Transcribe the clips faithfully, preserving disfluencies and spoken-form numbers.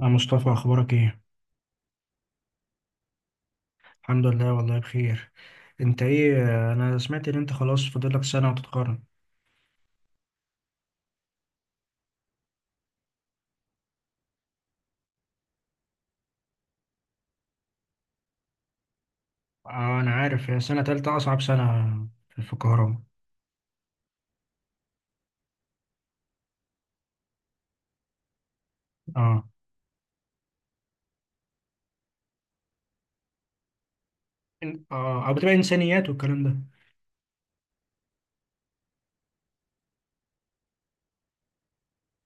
يا مصطفى، اخبارك ايه؟ الحمد لله، والله بخير. انت ايه؟ انا سمعت ان انت خلاص فاضلك سنه وتتخرج. آه، انا عارف هي سنه تالتة اصعب سنه في في الكهرباء. اه. إن- اه أو بتبقى انسانيات والكلام ده.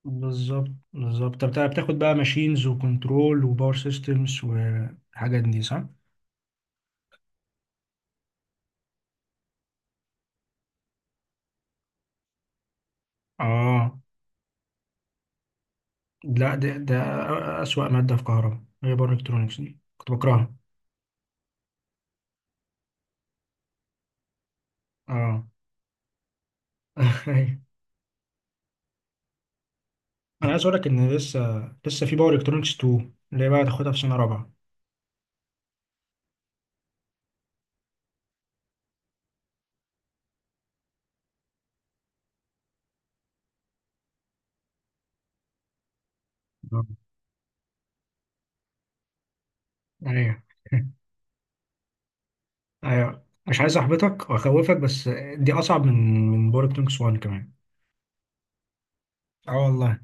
بالظبط، بالظبط. طب بتاع- بتاخد بقى ماشينز وكنترول وباور سيستمز والحاجات دي، صح؟ اه. لا، ده ده اسوأ ماده في كهرباء هي باور الكترونكس دي، كنت بكرهها. اه. انا عايز اقول لك ان لسه لسه في باور الكترونكس اتنين اللي هي بقى هتاخدها في سنه رابعه. آه. ايوه. ايوه، مش عايز احبطك واخوفك بس دي اصعب من من باور الكترونكس واحد كمان. اه والله.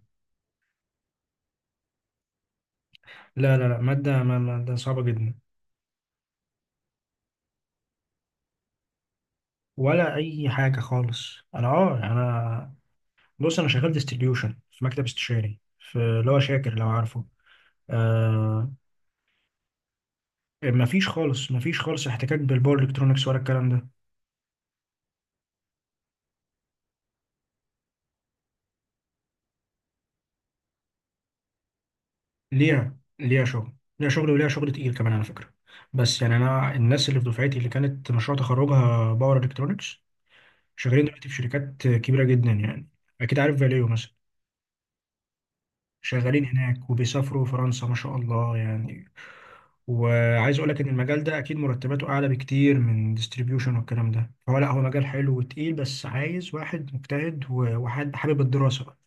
لا، لا، لا، ماده ما- ماده صعبه جدا. ولا اي حاجه خالص. انا اه انا بص، انا شغال ديستريبيوشن في مكتب استشاري في اللي هو شاكر، لو عارفه. آه. مفيش خالص، مفيش خالص احتكاك بالباور الكترونكس ولا الكلام ده. ليها، ليها شغل. ليها شغل وليها شغل تقيل كمان، على فكرة. بس يعني أنا الناس اللي في دفعتي اللي كانت مشروع تخرجها باور إلكترونكس شغالين دلوقتي في شركات كبيرة جدا يعني. أكيد عارف فاليو مثلا. شغالين هناك وبيسافروا فرنسا ما شاء الله يعني. وعايز أقول لك إن المجال ده أكيد مرتباته أعلى بكتير من ديستريبيوشن والكلام ده، فهو لا، هو مجال حلو وتقيل، بس عايز واحد مجتهد و- وحد حابب الدراسة بقى.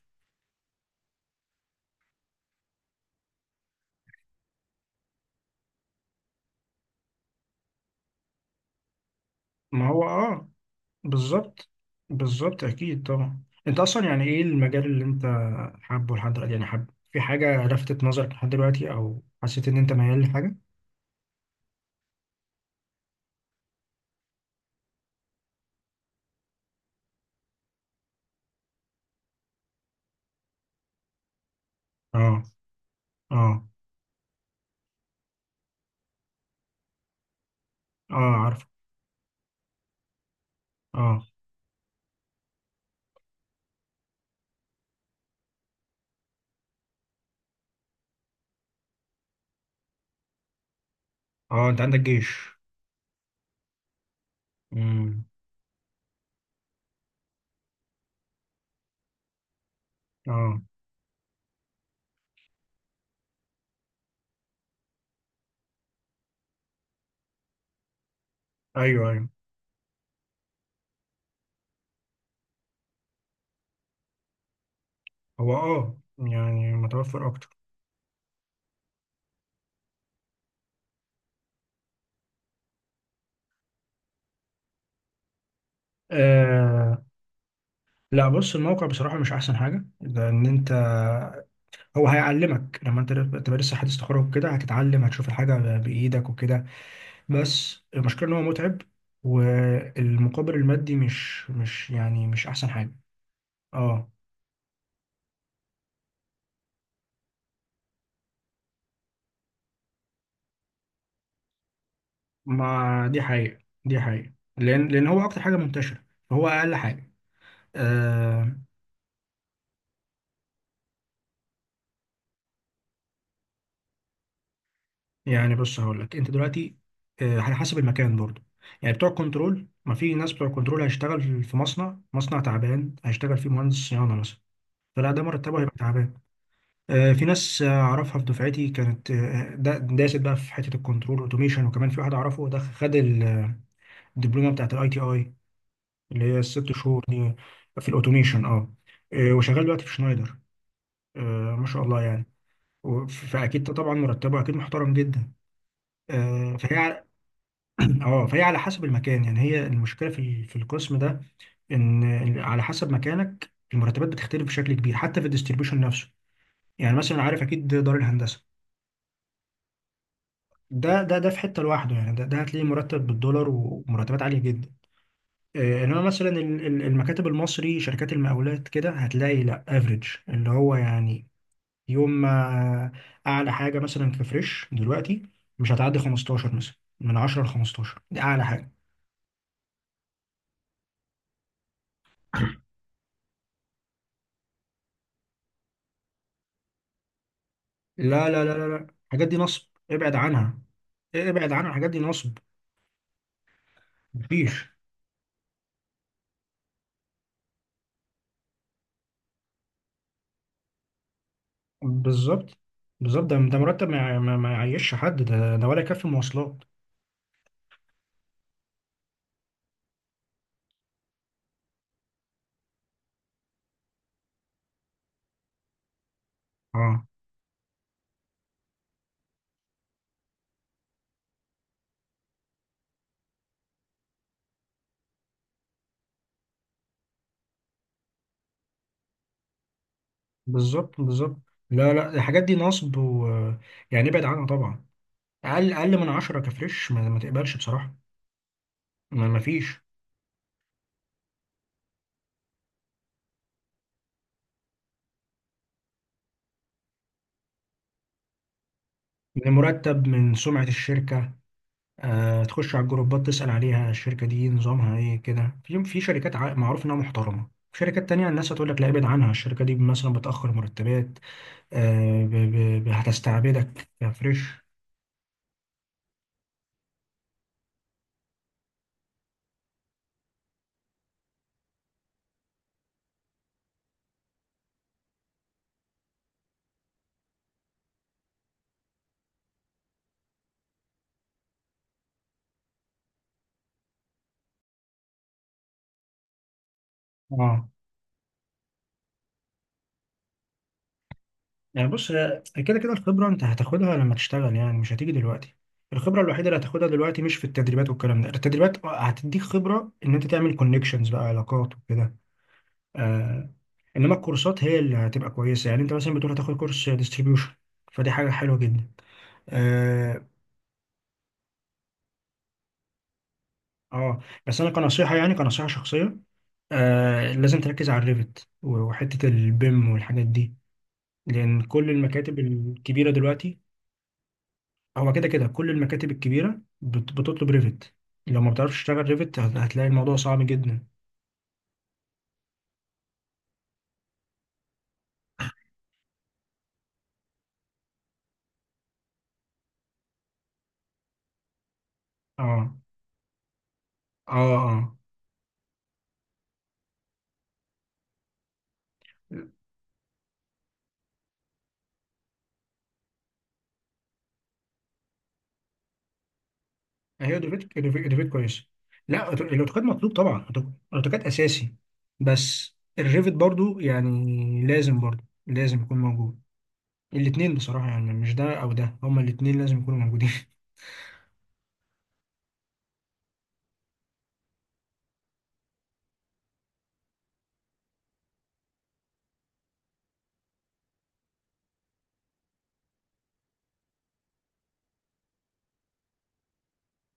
ما هو اه. بالظبط، بالظبط، اكيد طبعا. انت اصلا يعني ايه المجال اللي انت حابه لحد دلوقتي؟ يعني حابب في حاجه لفتت نظرك لحد دلوقتي او حسيت ان انت ميال لحاجه؟ اه. اه. اه. عارف. اه. اه. انت عندك جيش؟ امم. اه. ايوه، ايوه. هو اه يعني متوفر اكتر. آه. لا، بص، الموقع بصراحه مش احسن حاجه، لان انت هو هيعلمك. لما انت تبقى لسه حديث تخرج كده هتتعلم، هتشوف الحاجه بايدك وكده. بس المشكلة ان هو متعب. والمقابل المادي مش مش يعني مش احسن حاجة. اه. ما دي حقيقة. دي حقيقة لان لان هو اكتر حاجة منتشرة. فهو اقل حاجة. آه. يعني بص، هقول لك انت دلوقتي، آه، على حسب المكان برضو. يعني بتوع كنترول، ما في ناس بتوع كنترول هيشتغل في مصنع، مصنع تعبان هيشتغل فيه مهندس صيانة مثلا، فلا ده مرتبه هيبقى تعبان. آه، في ناس آه، اعرفها في دفعتي، كانت آه، دا- داست بقى في حتة الكنترول اوتوميشن. وكمان في واحد اعرفه ده، خد ال الدبلومه بتاعت الاي تي اي اللي هي الست شهور دي، في الاوتوميشن، اه. آه، وشغال دلوقتي في شنايدر. آه، ما شاء الله يعني. وف- فاكيد طبعا مرتبه اكيد محترم جدا. آه، فهي على- اه فهي على حسب المكان. يعني هي المشكله في ال- في القسم ده ان إن على حسب مكانك المرتبات بتختلف بشكل كبير حتى في الديستريبيوشن نفسه. يعني مثلا عارف اكيد دار الهندسه، ده ده ده في حته لوحده يعني، ده ده هتلاقيه مرتب بالدولار ومرتبات عاليه جدا. آه، انما مثلا ال- ال- المكاتب المصري، شركات المقاولات كده، هتلاقي لا افريج، اللي هو يعني، يوم ما، اعلى حاجه مثلا في فريش دلوقتي مش هتعدي خمستاشر مثلا. من عشرة ل خمستاشر، دي اعلى حاجه. لا، لا، لا، لا، لا، الحاجات دي نصب، ابعد عنها. إيه، ابعد عنها، الحاجات دي نصب، مفيش. بالظبط، بالظبط، ده ده مرتب ما يع- ما ما يعيش حد، ده ده ولا يكفي مواصلات. اه. بالظبط، بالظبط. لا، لا، الحاجات دي نصب، و... يعني ابعد عنها طبعا. اقل اقل من عشرة كفريش ما, ما تقبلش بصراحه. ما, ما فيش. من مرتب من سمعه الشركه. آه، تخش على الجروبات، تسال عليها، الشركه دي نظامها ايه، كده. في في شركات ع- معروف انها محترمه، في شركات تانية الناس هتقول لك لا، ابعد عنها، الشركة دي مثلا بتأخر مرتبات. آه ب ب ب- هتستعبدك كفريش. اه. يعني بص، آه، كده كده الخبرة انت هتاخدها لما تشتغل، يعني مش هتيجي دلوقتي. الخبرة الوحيدة اللي هتاخدها دلوقتي مش في التدريبات والكلام ده، التدريبات هتديك خبرة ان انت تعمل كونكشنز بقى، علاقات وكده. آه. انما الكورسات هي اللي هتبقى كويسه. يعني انت مثلا بتقول هتاخد كورس ديستريبيوشن، فدي حاجه حلوه جدا. اه. آه. بس انا كنصيحه، يعني كنصيحه شخصيه، آه، لازم تركز على الريفت وحته البيم والحاجات دي لان كل المكاتب الكبيره دلوقتي، هو كده كده كل المكاتب الكبيره بت- بتطلب ريفت. لو ما بتعرفش تشتغل ريفت هت- هتلاقي الموضوع صعب جدا. اه. اه. اه. هي اوتوكاد، اوتوكاد كويس. لا، أوتو- الاوتوكاد مطلوب طبعا، أوتو- اوتوكاد اساسي. بس الريفت برضو يعني لازم، برضو لازم يكون موجود. الاثنين بصراحة، يعني مش ده او ده، هما الاثنين لازم يكونوا موجودين.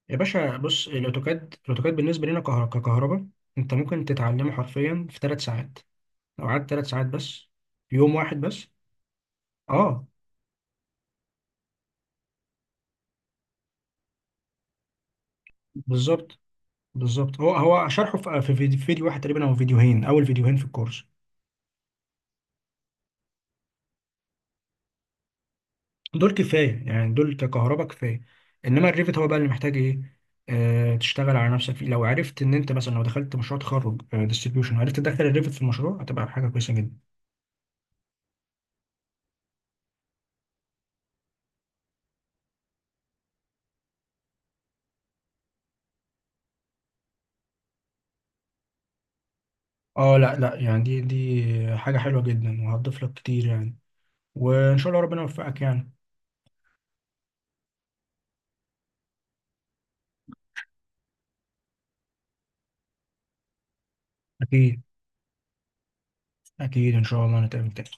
يا باشا، بص، الاوتوكاد، الاوتوكاد بالنسبة لنا كهر- ككهرباء انت ممكن تتعلمه حرفيا في ثلاث ساعات. لو قعدت ثلاث ساعات بس، في يوم واحد بس. اه. بالظبط، بالظبط. هو هو شرحه في في فيديو فيديو واحد تقريبا او فيديوهين، اول فيديوهين في الكورس، دول كفايه يعني، دول ككهرباء كفايه. انما الريفت هو بقى اللي محتاج ايه، آه، تشتغل على نفسك فيه. لو عرفت ان انت مثلا لو دخلت مشروع تخرج ديستريبيوشن وعرفت تدخل الريفت في المشروع هتبقى حاجه كويسه جدا. اه، لا، لا، يعني دي دي حاجه حلوه جدا وهتضيف لك كتير يعني. وان شاء الله ربنا يوفقك يعني. اكيد. اكيد، ان شاء الله نتقابل تاني.